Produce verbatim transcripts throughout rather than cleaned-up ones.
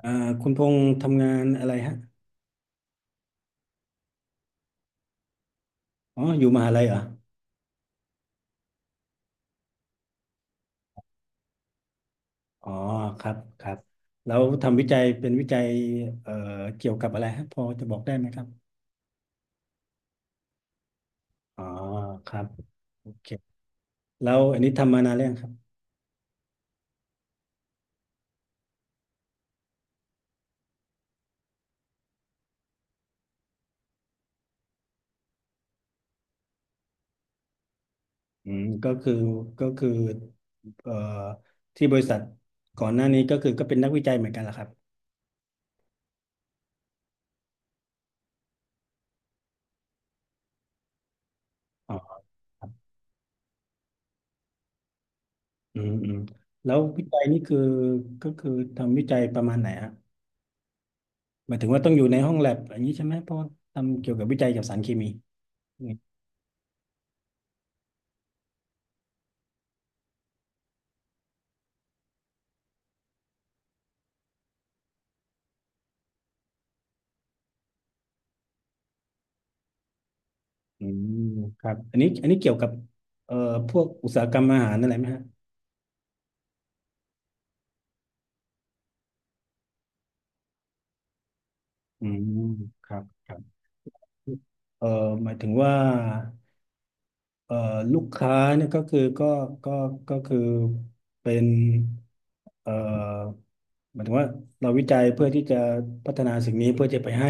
อ่าคุณพงษ์ทำงานอะไรฮะอ๋ออยู่มหาลัยเหรออ๋อครับครับแล้วทำวิจัยเป็นวิจัยเอ่อเกี่ยวกับอะไรฮะพอจะบอกได้ไหมครับอ๋อครับโอเคแล้วอันนี้ทำมานานแล้วยังครับอืมก็คือก็คือเอ่อที่บริษัทก่อนหน้านี้ก็คือก็เป็นนักวิจัยเหมือนกันเหรอครับอ๋อครับอืมอืมแล้ววิจัยนี่คือก็คือทำวิจัยประมาณไหนฮะหมายถึงว่าต้องอยู่ในห้องแลบอย่างนี้ใช่ไหมเพราะว่าทำเกี่ยวกับวิจัยเกยวกับสารเคมี อืมครับอันนี้อันนี้เกี่ยวกับเอ่อพวกอุตสาหกรรมอาหารนั่นแหละไหมฮะอืมครับครับเอ่อหมายถึงว่าเอ่อลูกค้าเนี่ยก็คือก็ก็ก็คือเป็นเอ่อหมายถึงว่าเราวิจัยเพื่อที่จะพัฒนาสิ่งนี้เพื่อจะไปให้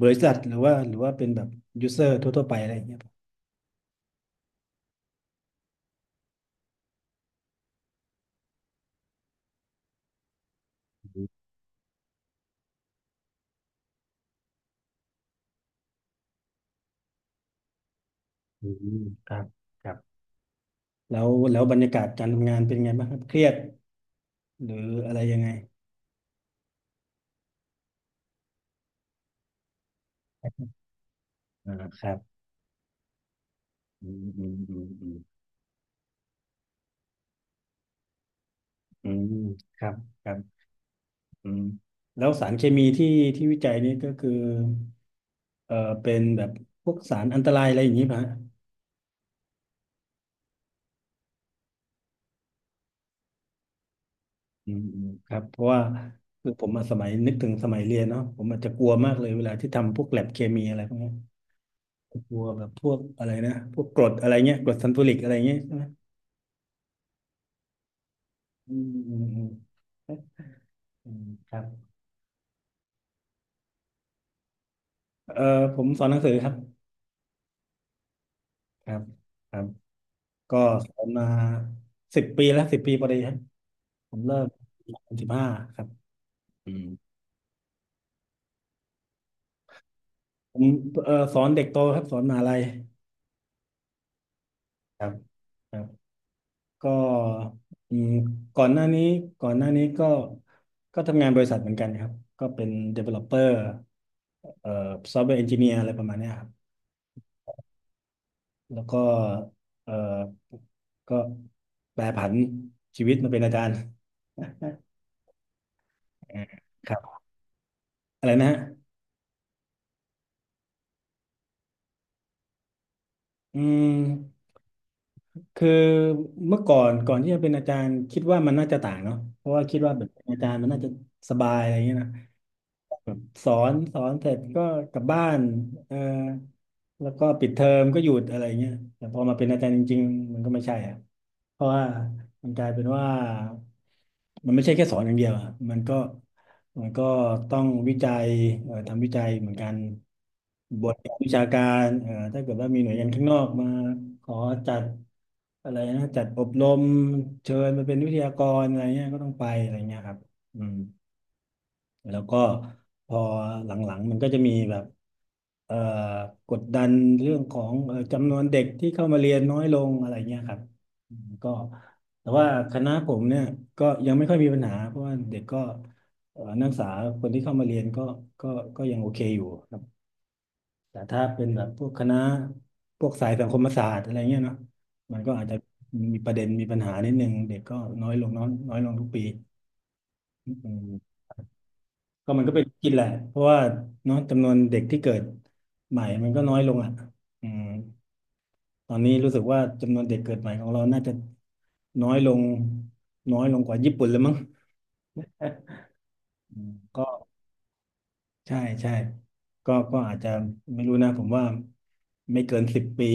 บริษัทหรือว่าหรือว่าเป็นแบบยูเซอร์ทั่วๆไปอะไรอย่างเงี้ยครับอืมครับครับแล้วแล้วบรรยากาศการทำงานเป็นไงบ้างครับเครียดหรืออะไรยังไงอ่าครับ อืมอืมอืมอืมอืมครับครับอืมแล้วสารเคมีที่ที่วิจัยนี้ก็คือเอ่อเป็นแบบพวกสารอันตรายอะไรอย่างนี้ป่ะฮะอืมอืมครับเพราะว่าคือผมอะสมัยนึกถึงสมัยเรียนเนาะผมอาจจะกลัวมากเลยเวลาที่ทำพวกแลบเคมีอะไรพวกเนี้ยกลัวแบบพวกอะไรนะพวกกรดอะไรเงี้ยกรดซัลฟูริกอะไรเงี้ยใช่ไหมอืมอืมอืมอืมครับเอ่อผมสอนหนังสือครับครับครับก็สอนมาสิบปีแล้วสิบปีพอดีครับ ผมเลิกสองพันสิบห้าครับอืมผมเอ่อสอนเด็กโตครับสอนมหาลัยครับครับก็อืมก่อนหน้านี้ก่อนหน้านี้ก็ก็ทำงานบริษัทเหมือนกันครับก็เป็น developer เอ่อ software engineer อะไรประมาณเนี้ยครับแล้วก็เอ่อก็แปรผันชีวิตมาเป็นอาจารย์อ่าครับอะไรนะฮะอืม คือเมื่อก่อนก่อนที่จะเป็นอาจารย์คิดว่ามันน่าจะต่างเนาะเพราะว่าคิดว่าแบบเป็นอาจารย์มันน่าจะสบายอะไรอย่างเงี้ยนะ แบบสอนสอนเสร็จก็กลับบ้านเออแล้วก็ปิดเทอมก็หยุดอะไรเงี้ยแต่พอมาเป็นอาจารย์จริงๆมันก็ไม่ใช่อะเพราะว่ามันกลายเป็นว่ามันไม่ใช่แค่สอนอย่างเดียวอะมันก็มันก็ต้องวิจัยเอ่อทำวิจัยเหมือนกันบทวิชาการเอ่อถ้าเกิดว่ามีหน่วยงานข้างนอกมาขอจัดอะไรนะจัดอบรมเชิญมาเป็นวิทยากรอะไรเงี้ยก็ต้องไปอะไรเงี้ยครับอืม แล้วก็พอหลังๆมันก็จะมีแบบเอ่อกดดันเรื่องของเอ่อจำนวนเด็กที่เข้ามาเรียนน้อยลงอะไรเงี้ยครับอืมก็แต่ว่าคณะผมเนี่ยก็ยังไม่ค่อยมีปัญหาเพราะว่าเด็กก็เอ่อนักศึกษาคนที่เข้ามาเรียนก็ก็ก็ยังโอเคอยู่ครับแต่ถ้าเป็นแบบพวกคณะพวกสายสังคมศาสตร์อะไรเงี้ยเนาะมันก็อาจจะมีประเด็นมีปัญหานิดนึงเด็กก็น้อยลงน้อยน้อยลงทุกปีอืม ก็มันก็เป็นกินแหละเพราะว่าเนาะจำนวนเด็กที่เกิดใหม่มันก็น้อยลงอ่ะอืมตอนนี้รู้สึกว่าจำนวนเด็กเกิดใหม่ของเราน่าจะน้อยลงน้อยลงกว่าญี่ปุ่นเลยมั้ง อืมก็ใช่ใช่ก็ก็อาจจะไม่รู้นะผมว่าไม่เกินสิบปี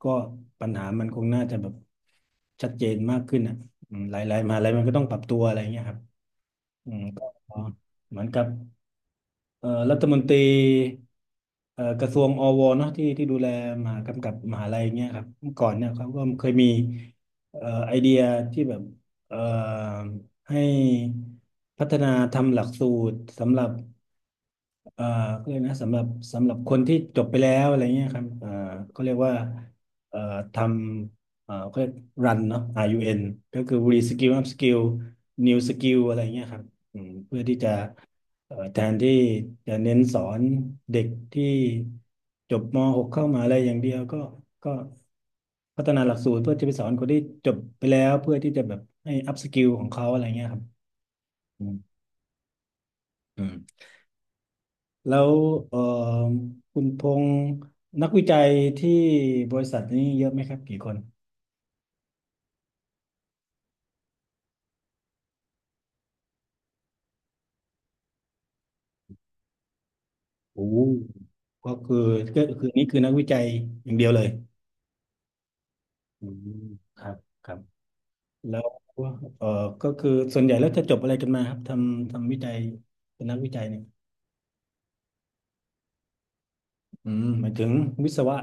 ก็ปัญหามันคงน่าจะแบบชัดเจนมากขึ้นอ่ะอืมหลายๆมหาอะไรมันก็ต้องปรับตัวอะไรงเงี้ยครับอืมก็เหมือนกับ เอ่อรัฐมนตรีเอ่อกระทรวงอวเนาะที่ที่ดูแลมหากำกับมหาลัยเงี้ยครับเมื่อก่อนเนี่ยเขาก็เคยมีเอ่อไอเดียที่แบบเอ่อให้พัฒนาทำหลักสูตรสำหรับเอ่อเขาเรียกนะสำหรับสำหรับคนที่จบไปแล้วอะไรเงี้ยครับเอ่อเขาเรียกว่าเอ่อทำเอ่อเขาเรียกรันเนาะ รัน ก็คือ Reskill Upskill New Skill อะไรเงี้ยครับอืมเพื่อที่จะ เอ่อแทนที่จะเน้นสอนเด็กที่จบม .หก เข้ามหาอะไรอย่างเดียวก็ก็พัฒนาหลักสูตรเพื่อจะไปสอนคนที่จบไปแล้วเพื่อที่จะแบบให้อัพสกิลของเขาอะไรเงี้ยครับอืมอืมแล้วเอ่อคุณพงษ์นักวิจัยที่บริษัทนี้เยอะไหมครับกี่คนโอ้ก็คือก็คือนี่คือนักวิจัยอย่างเดียวเลยอืมครับครับ แล้วเออก็คือส่วนใหญ่แล้วจะจบอะไรกันมาครับทำทำวิจัยเป็นนักวิจัยเนี่ยอืมหมายถึงวิศวะ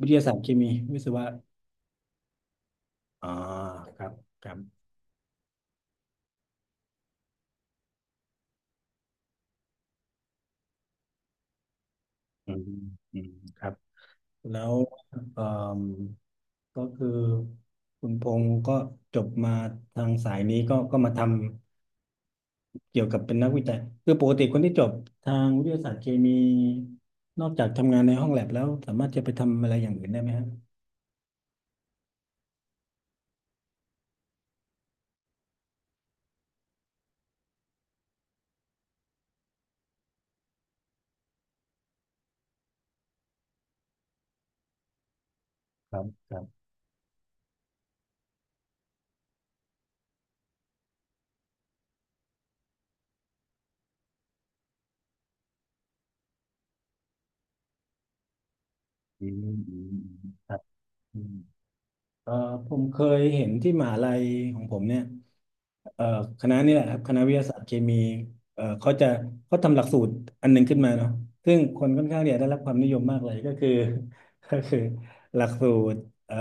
วิทยาศาสตร์เคมีวิศวะอ่าครับครับอืมอืมครับแล้วเออก็คือคุณพงศ์ก็จบมาทางสายนี้ก็ก็มาทำเกี่ยวกับเป็นนักวิจัยคือปกติคนที่จบทางวิทยาศาสตร์เคมีนอกจากทำงานในห้องแลบแล้วสามารถจะไปทำอะไรอย่างอื่นได้ไหมครับครับครับอืมอืมอืมครับ อืมเอ่อผมเคยเห็นที่มหาลัยของผมเนี่ยเอ่อคณะนี่แหละครับคณะวิทยาศาสตร์เคมีเอ่อเขาจะเขาทำหลักสูตรอันหนึ่งขึ้นมาเนาะซึ่งคนค่อนข้างเนี่ยได้รับความนิยมมากเลยก็คือ ก็คือหลักสูตรเอ่อ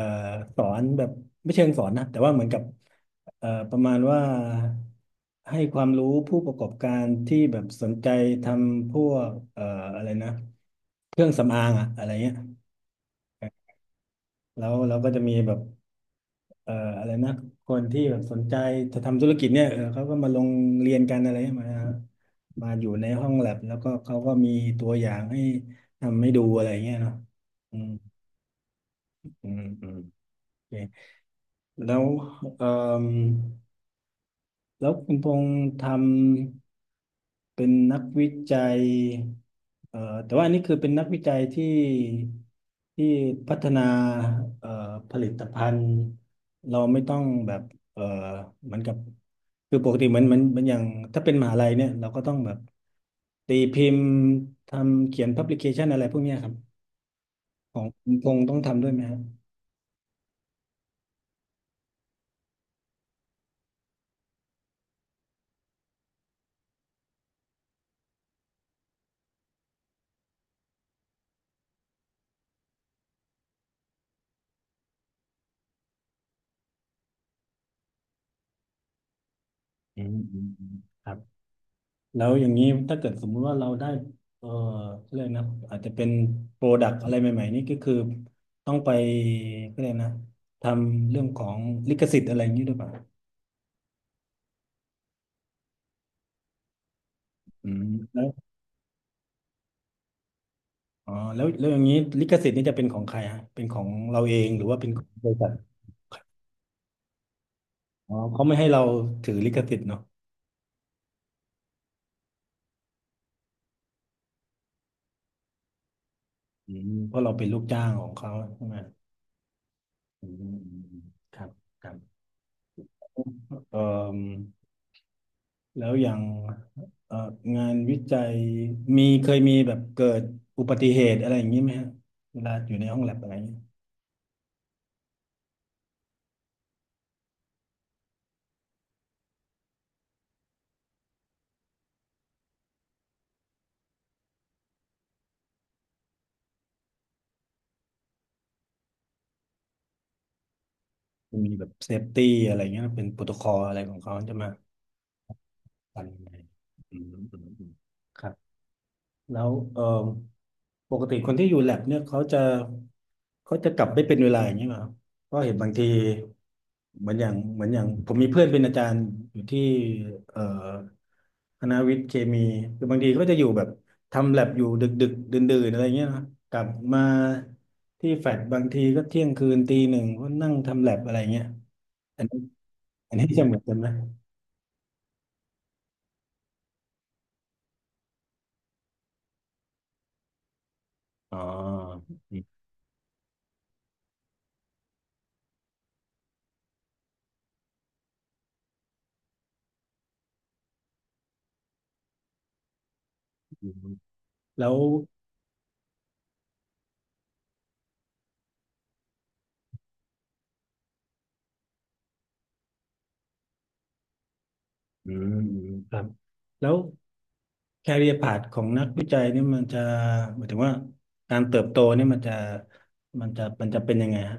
สอนแบบไม่เชิงสอนนะแต่ว่าเหมือนกับเอ่อประมาณว่าให้ความรู้ผู้ประกอบการที่แบบสนใจทำพวกเอ่ออะไรนะเครื่องสำอางอะอะไรเงี้ยแล้วเราก็จะมีแบบ เอ่ออะไรนะคนที่แบบสนใจจะทำธุรกิจเนี่ยเออเขาก็มาลงเรียนกันอะไรมามาอยู่ในห้องแลบแล้วก็เขาก็มีตัวอย่างให้ทำให้ดูอะไรเงี้ยเนาะอืมอืมอืมโอเคแล้วเอ่อแล้วคุณพงษ์ทำ เป็นนักวิจัยเอ่อแต่ว่าอันนี้คือเป็นนักวิจัยที่ที่พัฒนาเอ่อผลิตภัณฑ์เราไม่ต้องแบบเอ่อเหมือนกับ คือปกติเหมือนเหมันเหมันอย่างถ้าเป็นมหาลัยเนี่ยเราก็ต้องแบบตีพิมพ์ทำเขียนพับลิเคชันอะไรพวกเนี้ยครับของคุณพงษ์ต้องทำด้วยไหมครับอืมอืมอืมครับ แล้วอย่างนี้ถ้าเกิดสมมุติว่าเราได้เออเร่ยนะอาจจะเป็นโปรดัก์อะไรใหม่ๆนี่ก็คือต้องไปก็เลยกนะทำเรื่องของลิขสิทธิ์อะไรอย่างนี้ด้วยป่ะอืมแล้วอ๋อแล้วแล้วอย่างนี้ลิขสิทธิ์นี่จะเป็นของใครฮะเป็นของเราเองหรือว่าเป็นของบริษัทอ๋อเขาไม่ให้เราถือลิขสิทธิ์เนาะอืมเพราะเราเป็นลูกจ้างของเขาใช่ไหมอืมอืมอืมครับครับเอ่อ แล้วอย่างเอ่องานวิจัยมีเคยมีแบบเกิดอุบัติเหตุอะไรอย่างนี้ไหมฮะเวลาอยู่ในห้องแลบอะไรอย่างนี้มีแบบเซฟตี้อะไรเงี้ยเป็นโปรโตคอลอะไรของเขาจะมากันยังไงอืมอืมอืมครับแล้วเอ่อปกติคนที่อยู่แลบเนี่ยเขาจะเขาจะกลับไม่เป็นเวลาอย่างนี้ไหมครับก็เห็นบางที เหมือนอย่างเหมือนอย่างผมมีเพื่อนเป็นอาจารย์อยู่ที่เอ่อคณะวิทย์เคมีคือบางทีก็จะอยู่แบบทำแลบอยู่ดึกดึกดื่นดื่นๆอะไรเงี้ยนะกลับมาที่แฟลตบางทีก็เที่ยงคืนตีหนึ่งก็นั่งทำแลบอะไรเงี้ยอันนี้อันนี้จะเหมือนกันไหมอ๋ออืมอืมแล้วอืมอืมครับแล้วแคเรียร์พาธของนักวิจัยนี่มันจะหมายถึงว่าการเติบโตนี่มันจะมันจะมันจะเป็นยังไงฮะ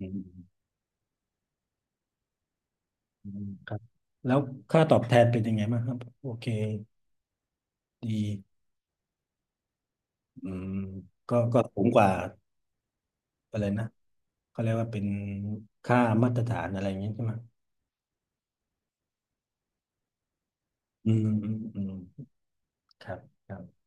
อืม อืมครับแล้วค่าตอบแทนเป็นยังไงบ้างครับโอเคดีอืมก็ก็สูงกว่าอะไรนะเขาเรียกว่าเป็นค่ามาตรฐานอะไรอย่างนี้ใช่ไหมอืมอืมอืมครับครับ